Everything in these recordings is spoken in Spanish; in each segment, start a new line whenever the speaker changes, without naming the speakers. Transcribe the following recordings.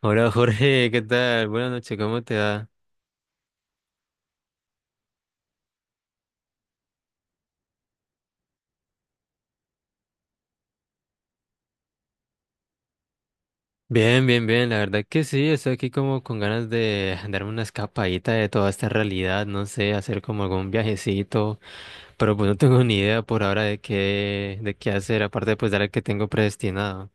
Hola Jorge, ¿qué tal? Buenas noches, ¿cómo te va? Bien, bien, bien, la verdad que sí, estoy aquí como con ganas de darme una escapadita de toda esta realidad, no sé, hacer como algún viajecito, pero pues no tengo ni idea por ahora de qué hacer, aparte pues de la que tengo predestinado.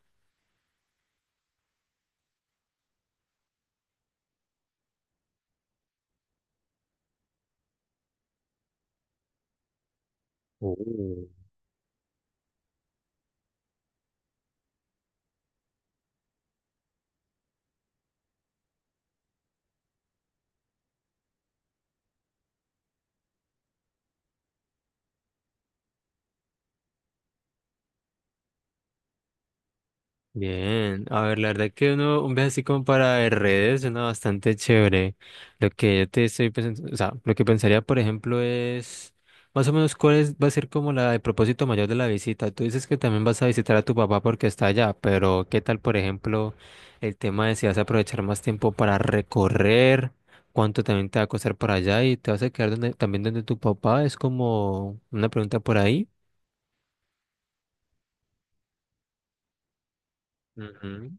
Bien, a ver, la verdad que uno, un viaje así como para redes suena bastante chévere. Lo que yo te estoy pensando, o sea, lo que pensaría, por ejemplo, es más o menos va a ser como la, el propósito mayor de la visita. Tú dices que también vas a visitar a tu papá porque está allá, pero ¿qué tal, por ejemplo, el tema de si vas a aprovechar más tiempo para recorrer? ¿Cuánto también te va a costar por allá? ¿Y te vas a quedar donde, también donde tu papá? Es como una pregunta por ahí. Ujú.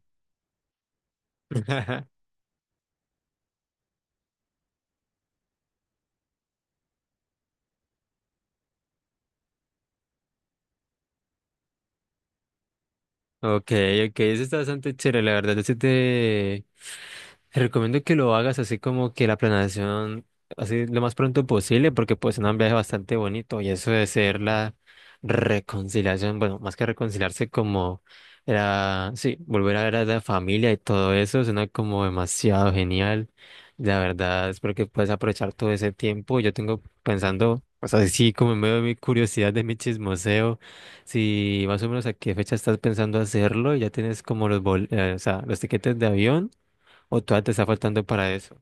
Ok, ok, eso está bastante chévere, la verdad. Te recomiendo que lo hagas así como que la planeación, así lo más pronto posible, porque pues es un viaje bastante bonito y eso de ser la reconciliación, bueno, más que reconciliarse como era, sí, volver a ver a la familia y todo eso, suena como demasiado genial. La verdad, espero que puedas aprovechar todo ese tiempo. Yo tengo pensando, pues así como en medio de mi curiosidad, de mi chismoseo. Si más o menos a qué fecha estás pensando hacerlo, y ya tienes como o sea, los tiquetes de avión o todavía te está faltando para eso.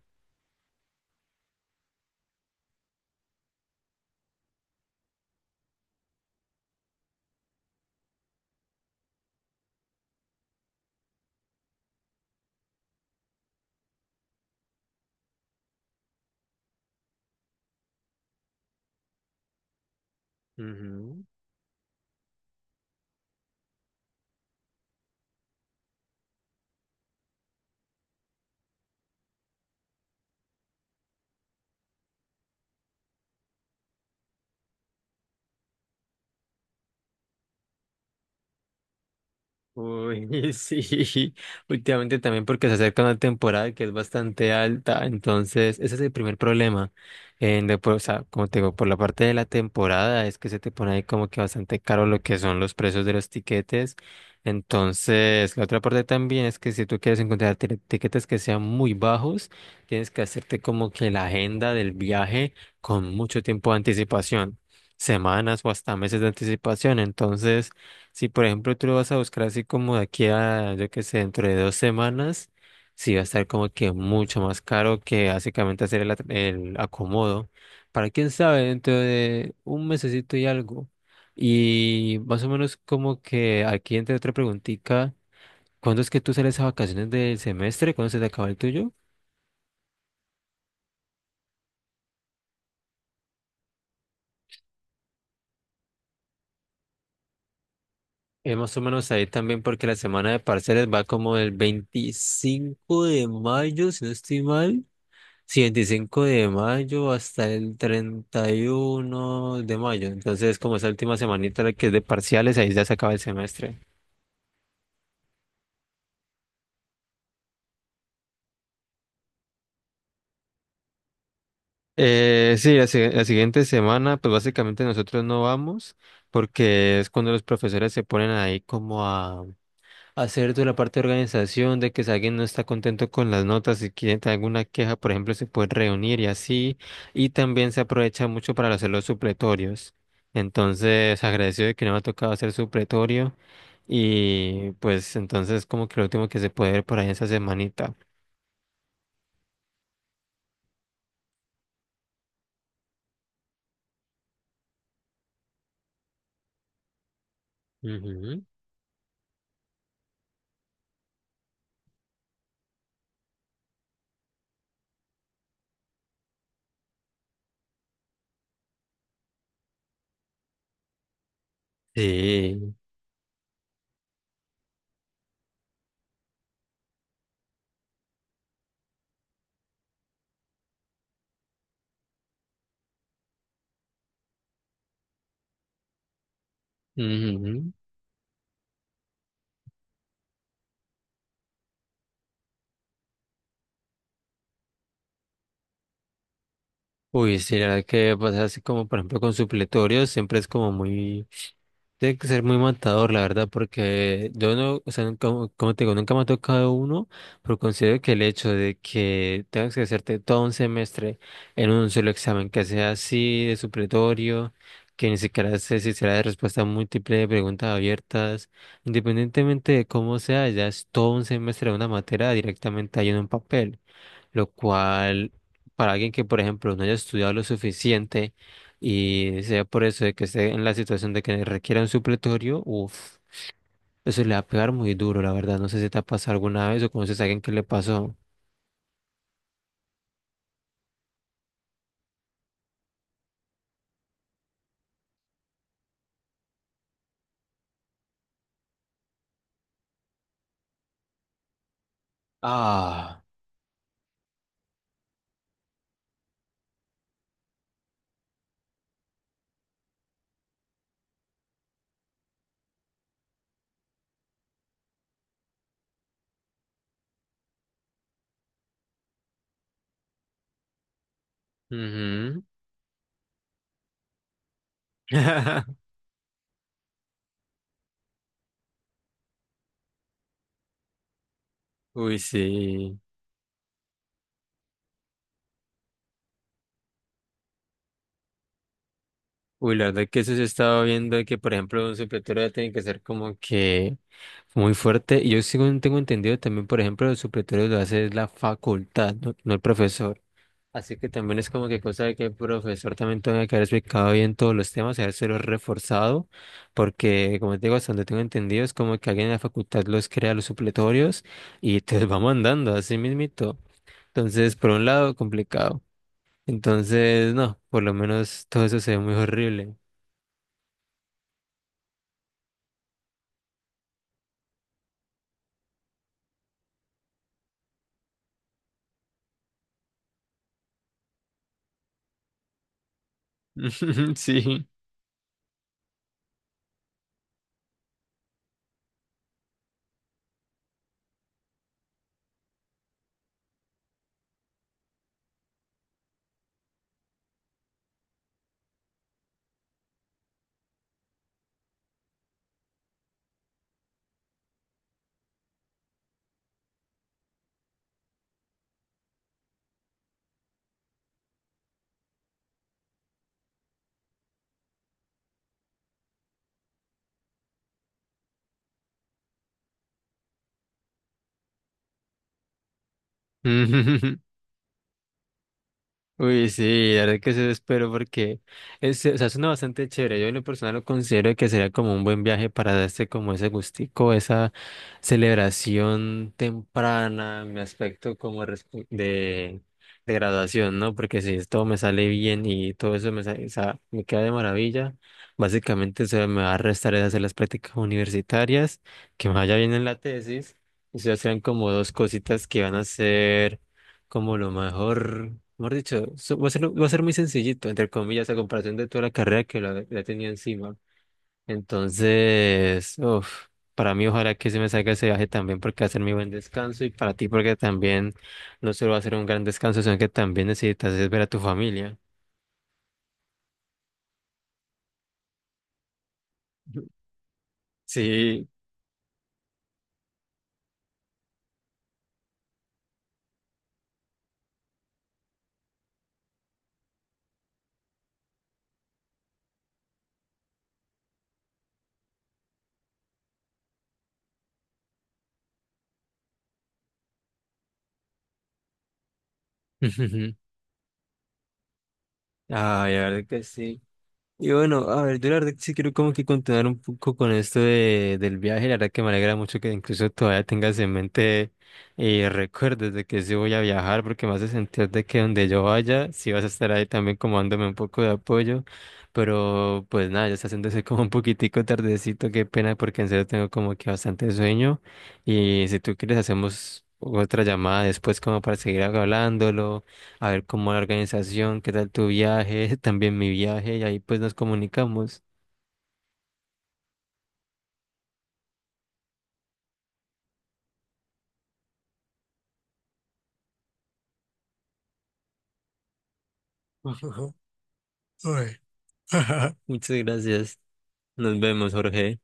Ujú. Uy, sí, últimamente también porque se acerca una temporada que es bastante alta, entonces ese es el primer problema. O sea, como te digo, por la parte de la temporada es que se te pone ahí como que bastante caro lo que son los precios de los tiquetes. Entonces, la otra parte también es que si tú quieres encontrar tiquetes que sean muy bajos, tienes que hacerte como que la agenda del viaje con mucho tiempo de anticipación, semanas o hasta meses de anticipación. Entonces, si por ejemplo tú lo vas a buscar así como de aquí a, yo qué sé, dentro de dos semanas, sí va a estar como que mucho más caro que básicamente hacer el acomodo. Para quién sabe, dentro de un mesecito y algo. Y más o menos como que aquí entre otra preguntita, ¿cuándo es que tú sales a vacaciones del semestre? ¿Cuándo se te acaba el tuyo? Es más o menos ahí también porque la semana de parciales va como del 25 de mayo, si no estoy mal. Sí, 25 de mayo hasta el 31 de mayo. Entonces, como esa última semanita la que es de parciales, ahí ya se acaba el semestre. Sí, la, si- la siguiente semana, pues básicamente nosotros no vamos porque es cuando los profesores se ponen ahí como a, hacer toda la parte de organización, de que si alguien no está contento con las notas y quiere tener alguna queja, por ejemplo, se puede reunir y así. Y también se aprovecha mucho para hacer los supletorios. Entonces, agradecido de que no me ha tocado hacer supletorio. Y pues entonces como que lo último que se puede ver por ahí esa semanita. Ujú. Sí. Ujú. Uy, sí, la verdad que pasa así como por ejemplo con supletorios, siempre es como muy. Tiene que ser muy matador, la verdad, porque yo no, o sea, como te digo, nunca me ha tocado uno, pero considero que el hecho de que tengas que hacerte todo un semestre en un solo examen, que sea así de supletorio, que ni siquiera sé si será de respuesta múltiple, de preguntas abiertas, independientemente de cómo sea, ya es todo un semestre de una materia directamente ahí en un papel, lo cual, para alguien que, por ejemplo, no haya estudiado lo suficiente y sea por eso de que esté en la situación de que requiera un supletorio, uff, eso le va a pegar muy duro, la verdad. No sé si te ha pasado alguna vez o conoces a alguien que le pasó. Ah, ujú. Uy, sí. Uy, la verdad que eso se estaba viendo de que, por ejemplo, un supletorio ya tiene que ser como que muy fuerte. Y yo según tengo entendido también, por ejemplo, el supletorio lo hace es la facultad, no, no el profesor. Así que también es como que cosa de que el profesor también tenga que haber explicado bien todos los temas, habérselo reforzado, porque como te digo, hasta donde tengo entendido, es como que alguien en la facultad los crea los supletorios y te los va mandando así mismito. Entonces, por un lado, complicado. Entonces, no, por lo menos todo eso se ve muy horrible. Sí. Uy, sí, la verdad que eso espero porque es, o sea, suena bastante chévere. Yo en lo personal lo considero que sería como un buen viaje para darse como ese gustico, esa celebración temprana, mi aspecto como de graduación, ¿no? Porque si todo me sale bien y todo eso o sea, me queda de maravilla, básicamente se me va a restar es hacer las prácticas universitarias, que me vaya bien en la tesis, y se serán como dos cositas que van a ser como lo mejor, mejor dicho, va a ser muy sencillito, entre comillas, a comparación de toda la carrera que la tenía encima. Entonces, uf, para mí ojalá que se me salga ese viaje también porque va a ser mi buen descanso y para ti porque también no solo va a ser un gran descanso, sino que también necesitas es ver a tu familia. Sí. Ay, la verdad que sí. Y bueno, a ver, yo la verdad que sí quiero como que continuar un poco con esto del viaje, la verdad que me alegra mucho que incluso todavía tengas en mente recuerdos de que sí voy a viajar, porque me hace sentir de que donde yo vaya, sí vas a estar ahí también como dándome un poco de apoyo, pero pues nada, ya está haciéndose como un poquitico tardecito, qué pena, porque en serio tengo como que bastante sueño, y si tú quieres hacemos otra llamada después como para seguir hablándolo a ver cómo la organización, qué tal tu viaje, también mi viaje, y ahí pues nos comunicamos. Ujú. Uy. Muchas gracias. Nos vemos, Jorge.